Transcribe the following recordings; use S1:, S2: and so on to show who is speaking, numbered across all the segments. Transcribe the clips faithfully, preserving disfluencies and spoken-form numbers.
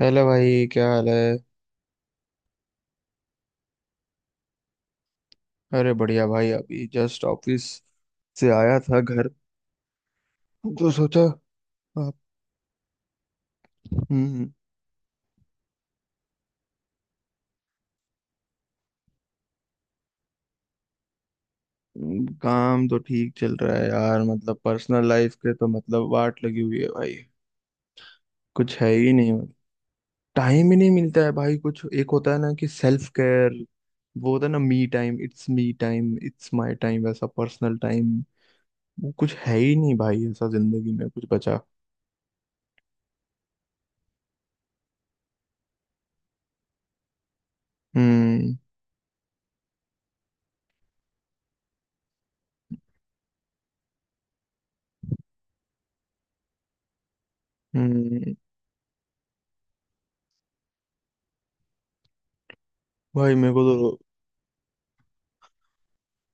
S1: Hello भाई, क्या हाल है? अरे बढ़िया भाई, अभी जस्ट ऑफिस से आया था घर, तो सोचा। आप? हम्म। हम्म, काम तो ठीक चल रहा है यार, मतलब पर्सनल लाइफ के तो मतलब वाट लगी हुई है भाई। कुछ है ही नहीं, मतलब टाइम ही नहीं मिलता है भाई। कुछ एक होता है ना, कि सेल्फ केयर, वो होता है ना, me time, it's me time, it's my time, वैसा पर्सनल टाइम, वो कुछ है ही नहीं भाई, ऐसा जिंदगी में कुछ बचा। हम्म। हम्म। भाई मेरे को तो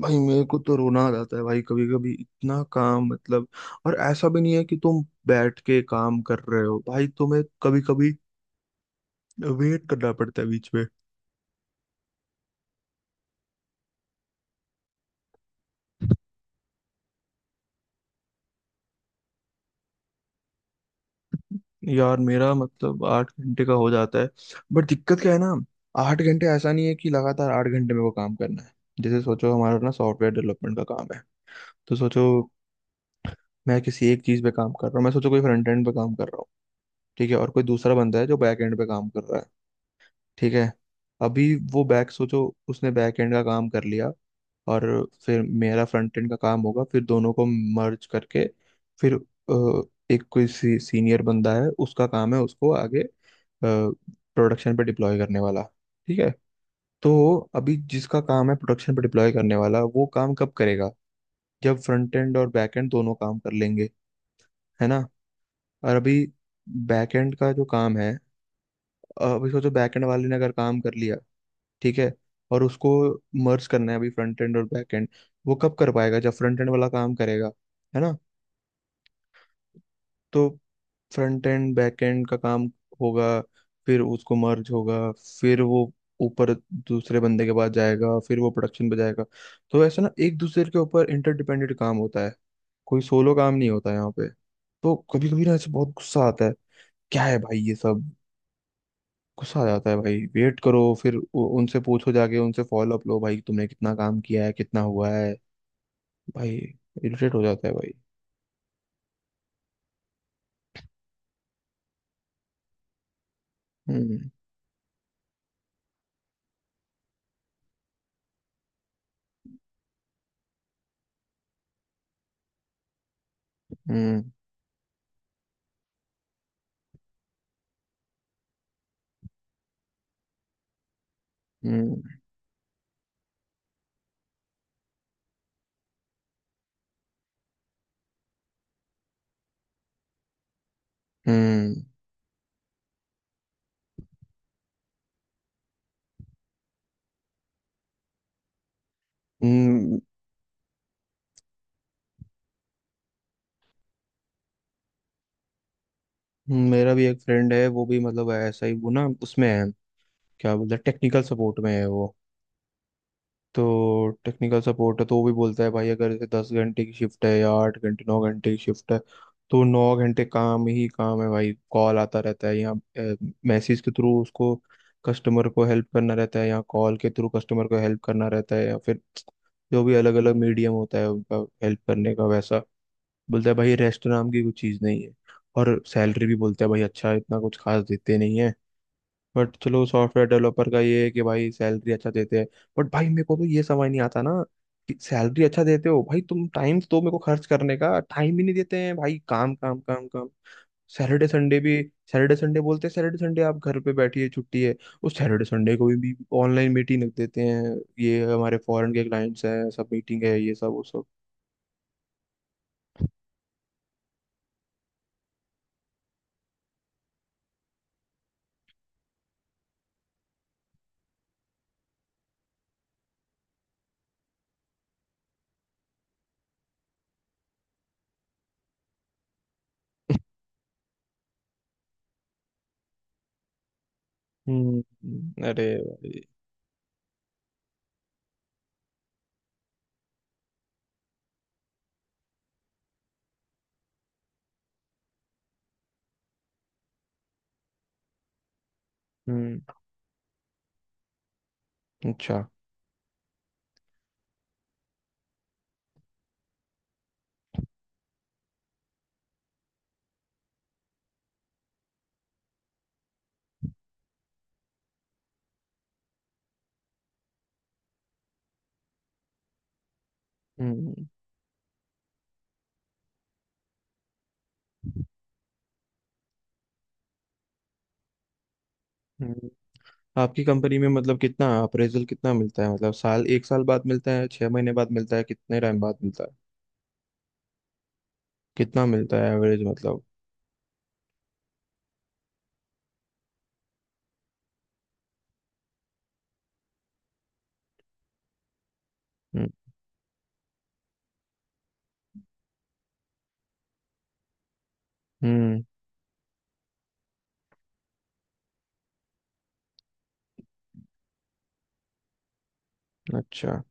S1: भाई मेरे को तो रोना आ जाता है भाई, कभी कभी इतना काम, मतलब। और ऐसा भी नहीं है कि तुम बैठ के काम कर रहे हो भाई, तुम्हें कभी कभी वेट करना पड़ता है बीच में। यार मेरा मतलब आठ घंटे का हो जाता है, बट दिक्कत क्या है ना, आठ घंटे ऐसा नहीं है कि लगातार आठ घंटे में वो काम करना है। जैसे सोचो, हमारा ना सॉफ्टवेयर डेवलपमेंट का काम है। तो सोचो मैं किसी एक चीज पे काम कर रहा हूँ, मैं सोचो कोई फ्रंट एंड पे काम कर रहा हूँ। ठीक है, और कोई दूसरा बंदा है जो बैक एंड पे काम कर रहा है। ठीक है, अभी वो बैक सोचो उसने बैक एंड का काम कर लिया, और फिर मेरा फ्रंट एंड का काम होगा, फिर दोनों को मर्ज करके, फिर अ, एक कोई सी, सीनियर बंदा है, उसका काम है उसको आगे प्रोडक्शन पे डिप्लॉय करने वाला। ठीक है। तो अभी जिसका काम है प्रोडक्शन पे डिप्लॉय करने वाला, वो काम कब करेगा? जब फ्रंट एंड और बैक एंड दोनों काम कर लेंगे, है ना। और अभी बैक एंड का जो काम है, अ, अभी सोचो बैक एंड वाले ने अगर काम कर लिया, ठीक है, और उसको मर्ज करना है अभी फ्रंट एंड और बैक एंड। वो कब कर पाएगा? जब फ्रंट एंड वाला काम करेगा, है ना। तो फ्रंट एंड बैक एंड का काम होगा, फिर उसको मर्ज होगा, फिर वो ऊपर दूसरे बंदे के पास जाएगा, फिर वो प्रोडक्शन पे जाएगा। तो ऐसा ना एक दूसरे के ऊपर इंटरडिपेंडेंट काम होता है, कोई सोलो काम नहीं होता यहाँ पे। तो कभी कभी ना ऐसे बहुत गुस्सा आता है, क्या है भाई ये सब। गुस्सा आ जाता है भाई, वेट करो, फिर उ- उनसे पूछो, जाके उनसे फॉलो अप लो भाई, तुमने कितना काम किया है कितना हुआ है। भाई इरिटेट हो जाता है भाई। हम्म। हम्म। हम्म। हम्म। हम्म, मेरा भी एक फ्रेंड है, वो भी मतलब ऐसा ही, वो ना उसमें है, क्या बोलते हैं, टेक्निकल सपोर्ट में है वो। तो टेक्निकल सपोर्ट है, तो वो भी बोलता है भाई, अगर जैसे दस घंटे की शिफ्ट है, या आठ घंटे नौ घंटे की शिफ्ट है, तो नौ घंटे काम ही काम है भाई। कॉल आता रहता है, या मैसेज के थ्रू उसको कस्टमर को हेल्प करना रहता है, या कॉल के थ्रू कस्टमर को हेल्प करना रहता है, या फिर जो भी अलग अलग मीडियम होता है उनका हेल्प करने का, वैसा बोलता है भाई, रेस्ट नाम की कुछ चीज़ नहीं है। और सैलरी भी बोलता है भाई, अच्छा इतना कुछ खास देते नहीं है, बट चलो सॉफ्टवेयर डेवलपर का ये है कि भाई सैलरी अच्छा देते हैं। बट भाई मेरे को तो ये समझ नहीं आता ना, कि सैलरी अच्छा देते हो भाई, तुम टाइम तो मेरे को खर्च करने का टाइम ही नहीं देते हैं भाई, काम काम काम काम। सैटरडे संडे भी, सैटरडे संडे बोलते हैं सैटरडे संडे आप घर पे बैठिए छुट्टी है, उस सैटरडे संडे को भी ऑनलाइन मीटिंग रख देते हैं, ये हमारे फॉरेन के क्लाइंट्स हैं सब, मीटिंग है ये सब वो सब। हम्म। अरे भाई। हम्म। अच्छा। हम्म। हम्म। आपकी कंपनी में मतलब कितना अप्रेजल कितना मिलता है, मतलब साल, एक साल बाद मिलता है, छह महीने बाद मिलता है, कितने टाइम बाद मिलता है? कितना मिलता है एवरेज, मतलब? हम्म। हम्म, अच्छा।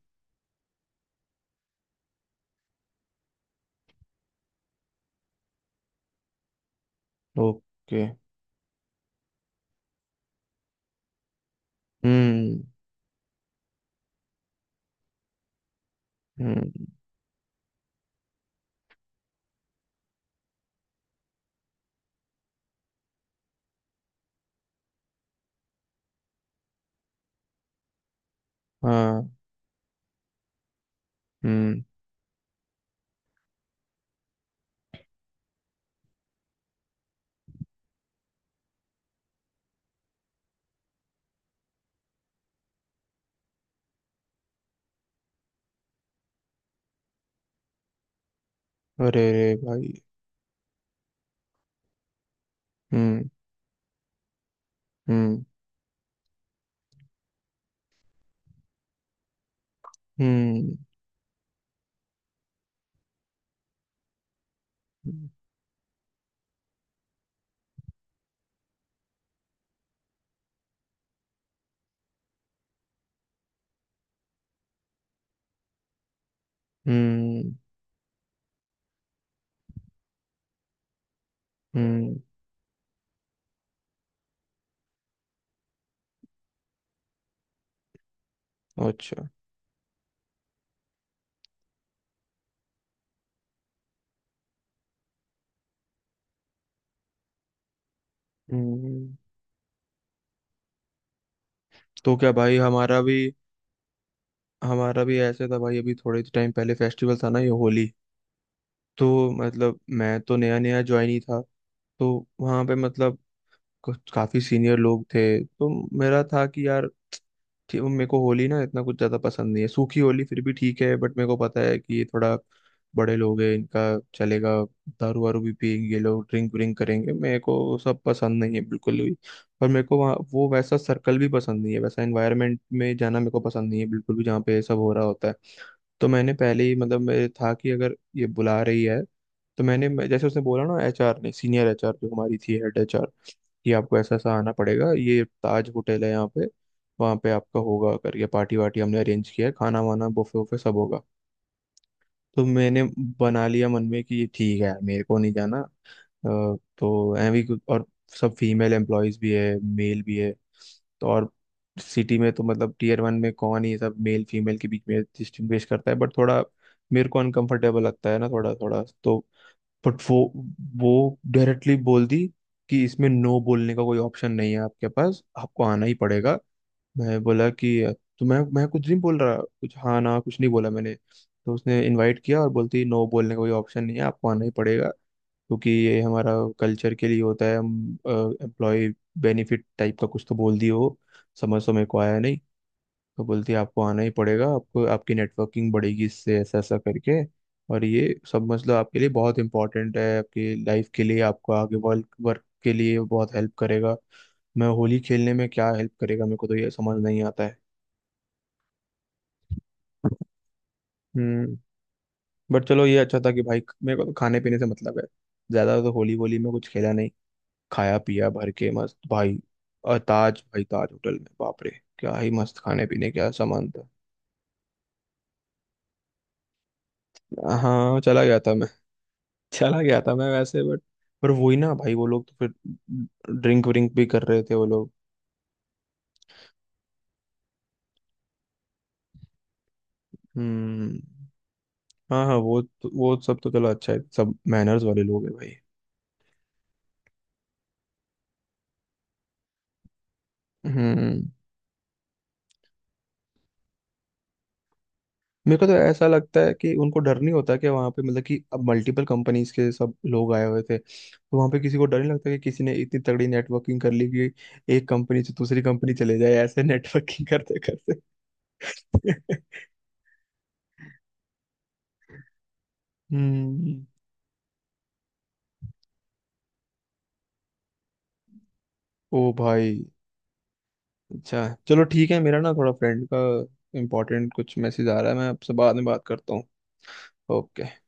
S1: ओके। हम्म। हम्म। हाँ। हम्म। अरे रे भाई। हम्म। हम्म। हम्म। हम्म। हम्म। अच्छा। हम्म। तो क्या भाई हमारा भी हमारा भी ऐसे था भाई। अभी थोड़े टाइम पहले फेस्टिवल था ना, ये होली। तो मतलब मैं तो नया नया ज्वाइन ही था, तो वहां पे मतलब कुछ काफी सीनियर लोग थे, तो मेरा था कि यार ठीक- मेरे को होली ना इतना कुछ ज्यादा पसंद नहीं है, सूखी होली फिर भी ठीक है, बट मेरे को पता है कि ये थोड़ा बड़े लोग हैं, इनका चलेगा, दारू वारू भी पियेंगे ये लोग, ड्रिंक व्रिंक करेंगे, मेरे को सब पसंद नहीं है बिल्कुल भी। और मेरे को वहाँ वो वैसा सर्कल भी पसंद नहीं है, वैसा एनवायरनमेंट में जाना मेरे को पसंद नहीं है बिल्कुल भी, जहाँ पे ये सब हो रहा होता है। तो मैंने पहले ही मतलब मेरे था कि अगर ये बुला रही है, तो मैंने मैं- जैसे उसने बोला ना, एच आर ने, सीनियर एच आर जो हमारी थी, हेड एच आर, कि आपको ऐसा ऐसा आना पड़ेगा, ये ताज होटल है यहाँ पे, वहाँ पे आपका होगा करके पार्टी वार्टी हमने अरेंज किया है, खाना वाना बुफे वुफे सब होगा। तो मैंने बना लिया मन में कि ये ठीक है, मेरे को नहीं जाना। अ, तो एवी और सब फीमेल एम्प्लॉयज भी है मेल भी है, तो और सिटी में तो मतलब टीयर वन में कौन ही सब मेल फीमेल के बीच में डिस्टिंग्विश करता है, बट थोड़ा मेरे को अनकंफर्टेबल लगता है ना थोड़ा थोड़ा, तो बट वो वो डायरेक्टली बोल दी, कि इसमें नो बोलने का कोई ऑप्शन नहीं है आपके पास, आपको आना ही पड़ेगा। मैं बोला कि तो मैं मैं कुछ नहीं बोल रहा, कुछ हाँ ना कुछ नहीं बोला मैंने, तो उसने इनवाइट किया और बोलती नो बोलने का कोई ऑप्शन नहीं है आपको आना ही पड़ेगा, क्योंकि ये हमारा कल्चर के लिए होता है, हम एम्प्लॉय बेनिफिट टाइप का कुछ तो बोल दिए हो। समझ तो मेरे को आया नहीं। तो बोलती है आपको आना ही पड़ेगा, आपको आपकी नेटवर्किंग बढ़ेगी इससे, ऐसा ऐसा करके और ये सब मतलब आपके लिए बहुत इंपॉर्टेंट है, आपकी लाइफ के लिए, आपको आगे वर्क वर्क के लिए बहुत हेल्प करेगा। मैं होली खेलने में क्या हेल्प करेगा, मेरे को तो ये समझ नहीं आता है। हम्म। बट चलो ये अच्छा था कि भाई मेरे को तो खाने पीने से मतलब है ज्यादा, तो होली वोली में कुछ खेला नहीं, खाया पिया भर के मस्त भाई। और ताज, भाई ताज होटल में बाप रे, क्या ही मस्त खाने पीने क्या सामान था। हाँ, चला गया था मैं, चला गया था मैं वैसे, बट पर वही ना भाई, वो लोग तो फिर ड्रिंक व्रिंक भी कर रहे थे वो लोग। हम्म। हाँ हाँ, वो तो- वो सब तो चलो अच्छा है, सब मैनर्स वाले लोग हैं भाई। हम्म। मेरे को तो ऐसा लगता है कि उनको डर नहीं होता, कि वहाँ पे मतलब कि अब मल्टीपल कंपनीज के सब लोग आए हुए थे, तो वहाँ पे किसी को डर नहीं लगता कि किसी ने इतनी तगड़ी नेटवर्किंग कर ली कि एक कंपनी से दूसरी कंपनी चले जाए ऐसे नेटवर्किंग करते करते। हम्म। ओ भाई। अच्छा चलो ठीक है, मेरा ना थोड़ा फ्रेंड का इम्पोर्टेंट कुछ मैसेज आ रहा है, मैं आपसे बाद में बात करता हूँ। ओके।